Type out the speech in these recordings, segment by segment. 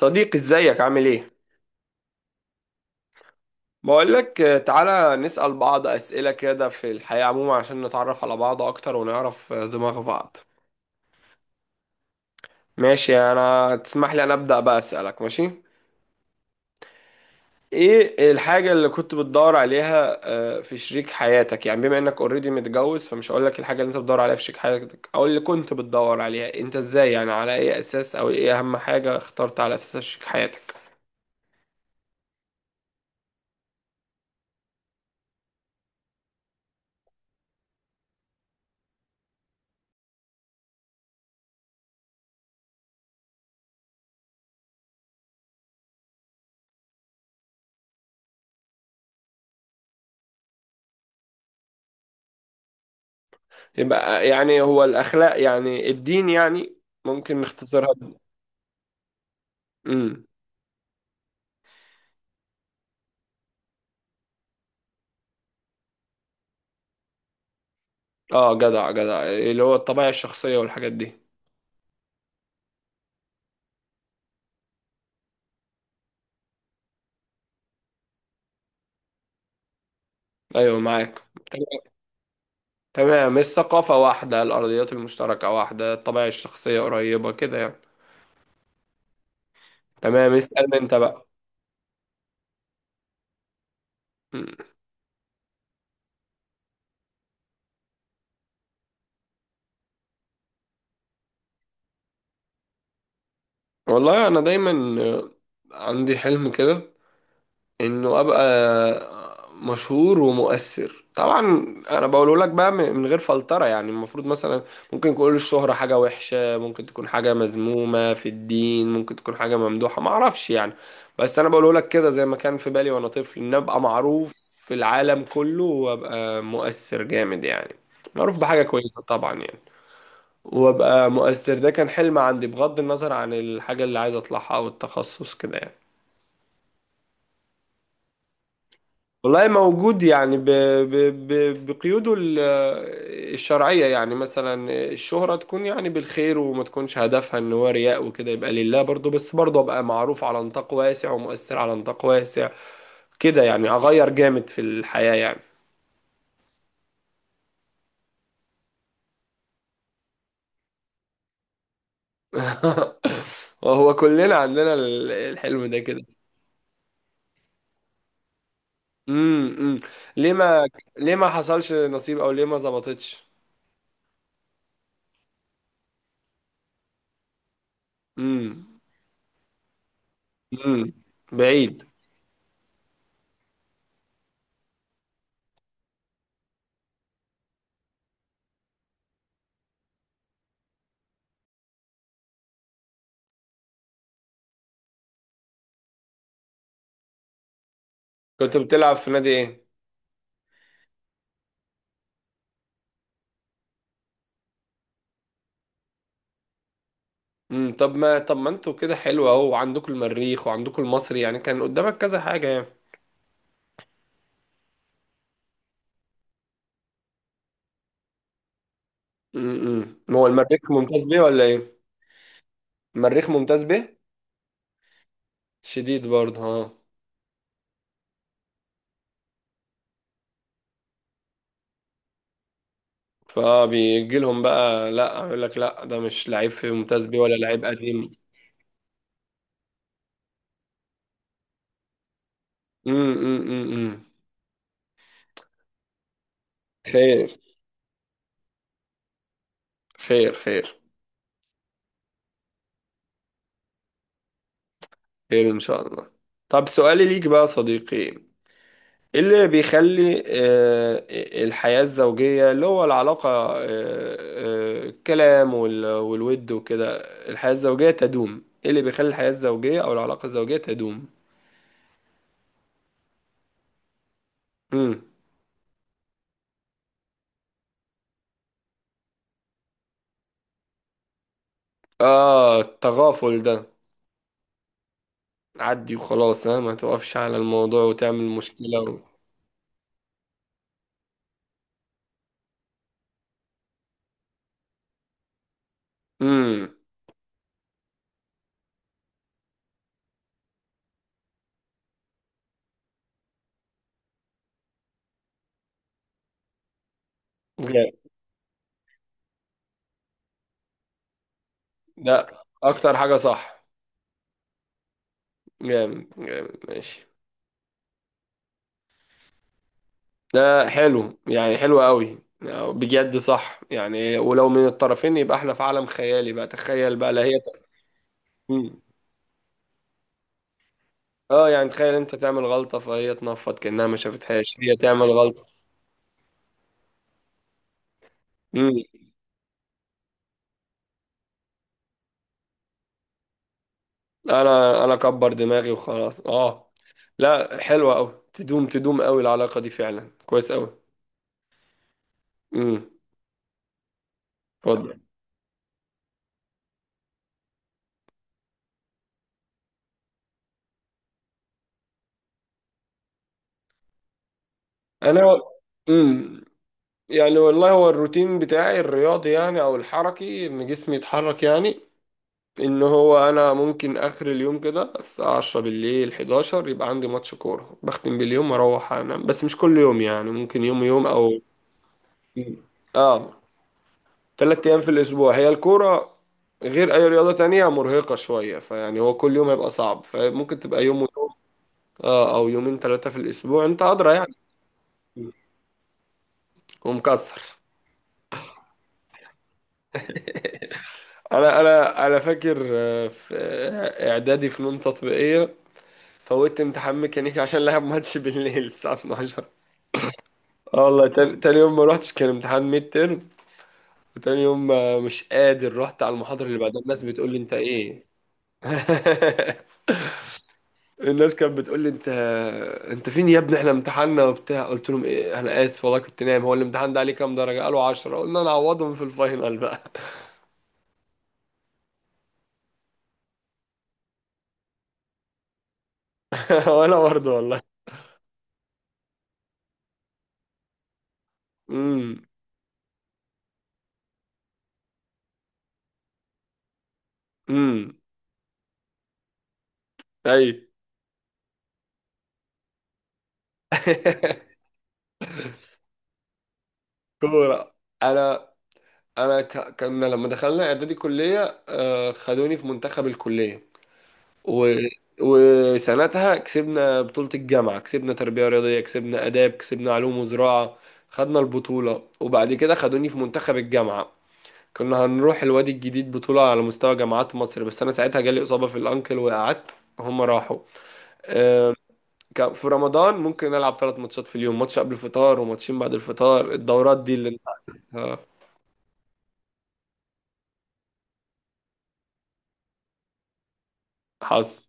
صديقي، ازيك عامل ايه؟ بقولك تعالى نسأل بعض أسئلة كده في الحياة عموما عشان نتعرف على بعض أكتر ونعرف دماغ بعض. ماشي، أنا تسمح لي أنا أبدأ بقى أسألك ماشي؟ ايه الحاجة اللي كنت بتدور عليها في شريك حياتك؟ يعني بما انك اوريدي متجوز، فمش هقولك الحاجة اللي انت بتدور عليها في شريك حياتك او اللي كنت بتدور عليها، انت ازاي يعني، على اي اساس او ايه اهم حاجة اخترت على اساسها شريك حياتك؟ يبقى يعني هو الأخلاق، يعني الدين يعني، ممكن نختصرها. امم. اه، جدع جدع، اللي هو الطبيعة الشخصية والحاجات دي. ايوه، معاك. تمام. تمام، الثقافة واحدة، الأرضيات المشتركة واحدة، الطبيعة الشخصية قريبة كده يعني. تمام، اسأل انت بقى. م. والله انا دايما آه، عندي حلم كده، انه ابقى مشهور ومؤثر طبعا. انا بقوله لك بقى من غير فلترة، يعني المفروض مثلا ممكن تقول الشهرة حاجة وحشة، ممكن تكون حاجة مذمومة في الدين، ممكن تكون حاجة ممدوحة، ما اعرفش يعني. بس انا بقوله لك كده زي ما كان في بالي وانا طفل، ان ابقى معروف في العالم كله وابقى مؤثر جامد يعني، معروف بحاجة كويسة طبعا يعني. وابقى مؤثر، ده كان حلم عندي بغض النظر عن الحاجة اللي عايز اطلعها او التخصص كده يعني. والله موجود يعني، بقيوده الشرعية، يعني مثلا الشهرة تكون يعني بالخير وما تكونش هدفها ان هو رياء وكده، يبقى لله برضو، بس برضو ابقى معروف على نطاق واسع ومؤثر على نطاق واسع، كده يعني، اغير جامد في الحياة يعني. وهو كلنا عندنا الحلم ده كده. امم. ليه ما ليه ما حصلش نصيب، او ليه ما ظبطتش. امم. امم. بعيد. كنت بتلعب في نادي ايه؟ امم، طب ما انتوا كده حلو اهو، وعندكم المريخ وعندكم المصري، يعني كان قدامك كذا حاجة يعني. امم، ما هو المريخ ممتاز بيه ولا ايه؟ المريخ ممتاز بيه؟ شديد برضه، اه. فبيجي لهم بقى لا يقول لك: لا، ده مش لعيب في ممتاز بيه ولا لعيب قديم. امم. امم. امم. خير. خير. خير. خير ان شاء الله. طب سؤالي ليك بقى يا صديقي، إيه اللي بيخلي الحياة الزوجية، اللي هو العلاقة، الكلام والود وكده، الحياة الزوجية تدوم؟ ايه اللي بيخلي الحياة الزوجية او العلاقة الزوجية تدوم؟ امم. اه، التغافل ده. عدي وخلاص، ها، ما توقفش على الموضوع وتعمل مشكلة و... امم. جامد. ده اكتر حاجة، صح. جامد جامد، ماشي. ده حلو يعني، حلو قوي. بجد، صح يعني، ولو من الطرفين يبقى احنا في عالم خيالي بقى، تخيل بقى، لا هي... مم. اه يعني تخيل انت تعمل غلطة فهي تنفض كأنها ما شافتهاش، هي تعمل غلطة... مم. انا اكبر دماغي وخلاص، اه. لا، حلوة قوي، تدوم تدوم قوي العلاقة دي فعلا، كويس قوي. امم. اتفضل. انا. امم. يعني والله هو الروتين بتاعي الرياضي يعني، او الحركي، ان جسمي يتحرك يعني. ان هو انا ممكن اخر اليوم كده الساعة 10 بالليل، 11 يبقى عندي ماتش كورة بختم باليوم واروح انام، بس مش كل يوم يعني، ممكن يوم يوم او... اه، 3 ايام في الاسبوع هي الكورة، غير اي رياضة تانية مرهقة شوية، فيعني هو كل يوم هيبقى صعب، فممكن تبقى يوم ويوم. اه، او يومين ثلاثة في الاسبوع، انت ادرى يعني. ومكسر. انا فاكر، في اعدادي فنون تطبيقية، فوتت امتحان ميكانيكي عشان لعب ماتش بالليل الساعة 12. اه والله، تاني يوم ما روحتش، كان امتحان ميد ترم. وتاني يوم مش قادر، رحت على المحاضرة اللي بعدها، الناس بتقول لي: انت ايه؟ الناس كانت بتقول لي: انت انت فين يا ابني، احنا امتحاننا وبتاع. قلت لهم: ايه؟ انا اسف والله كنت نايم. هو الامتحان ده عليه كام درجة؟ قالوا: 10. قلنا: نعوضهم في الفاينل بقى. وانا برضه والله. امم. امم. اي. كورة. انا. كنا لما دخلنا اعدادي كلية، خدوني في منتخب الكلية، و... وسنتها كسبنا بطولة الجامعة، كسبنا تربية رياضية، كسبنا آداب، كسبنا علوم وزراعة، خدنا البطولة. وبعد كده خدوني في منتخب الجامعة. كنا هنروح الوادي الجديد، بطولة على مستوى جامعات مصر، بس أنا ساعتها جالي إصابة في الأنكل وقعدت، هما راحوا. آه، كان في رمضان ممكن ألعب 3 ماتشات في اليوم، ماتش قبل الفطار وماتشين بعد الفطار. الدورات دي اللي انت... حصل.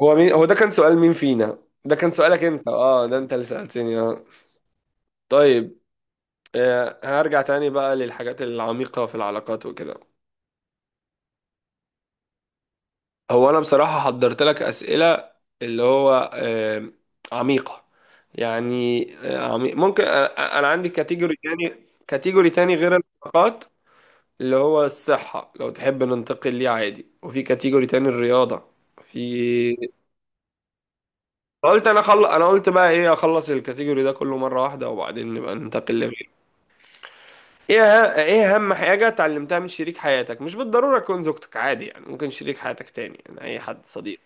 هو مين؟ هو ده كان سؤال مين فينا؟ ده كان سؤالك انت، اه، ده انت اللي سألتني، اه. طيب، هرجع تاني بقى للحاجات العميقة في العلاقات وكده. هو أنا بصراحة حضرت لك أسئلة اللي هو عميقة، يعني عميق ممكن. أنا عندي كاتيجوري تاني، كاتيجوري تاني غير العلاقات، اللي هو الصحة، لو تحب ننتقل ليه عادي، وفي كاتيجوري تاني الرياضة. في... قلت أنا، أنا قلت بقى: إيه، أخلص الكاتيجوري ده كله مرة واحدة وبعدين نبقى ننتقل. ايه اهم حاجة اتعلمتها من شريك حياتك؟ مش بالضرورة تكون زوجتك، عادي يعني، ممكن شريك حياتك تاني يعني، اي حد صديق.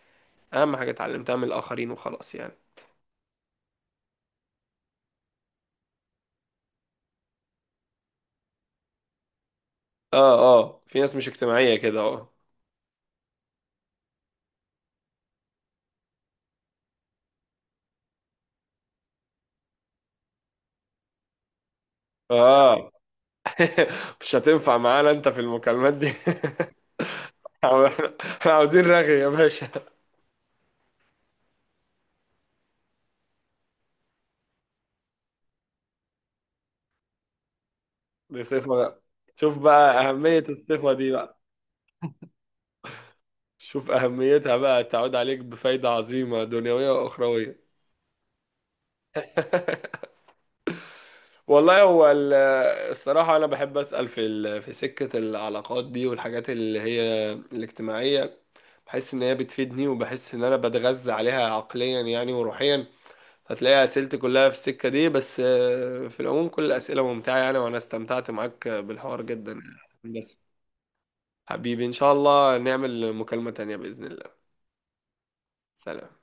اهم حاجة اتعلمتها من الاخرين وخلاص يعني. اه. اه، في ناس مش اجتماعية كده، اه. اه. مش هتنفع معانا انت في المكالمات دي. احنا إحنا عاوزين رغي يا باشا. دي صفة بقى. شوف بقى أهمية الصفة دي بقى. شوف أهميتها بقى، تعود عليك بفايدة عظيمة دنيوية وأخروية. والله هو الصراحة أنا بحب أسأل في في سكة العلاقات دي والحاجات اللي هي الاجتماعية، بحس إن هي بتفيدني وبحس إن أنا بتغذى عليها عقليا يعني وروحيا. هتلاقي أسئلتي كلها في السكة دي، بس في العموم كل الأسئلة ممتعة يعني، وأنا استمتعت معاك بالحوار جدا. بس، حبيبي، إن شاء الله نعمل مكالمة تانية بإذن الله. سلام.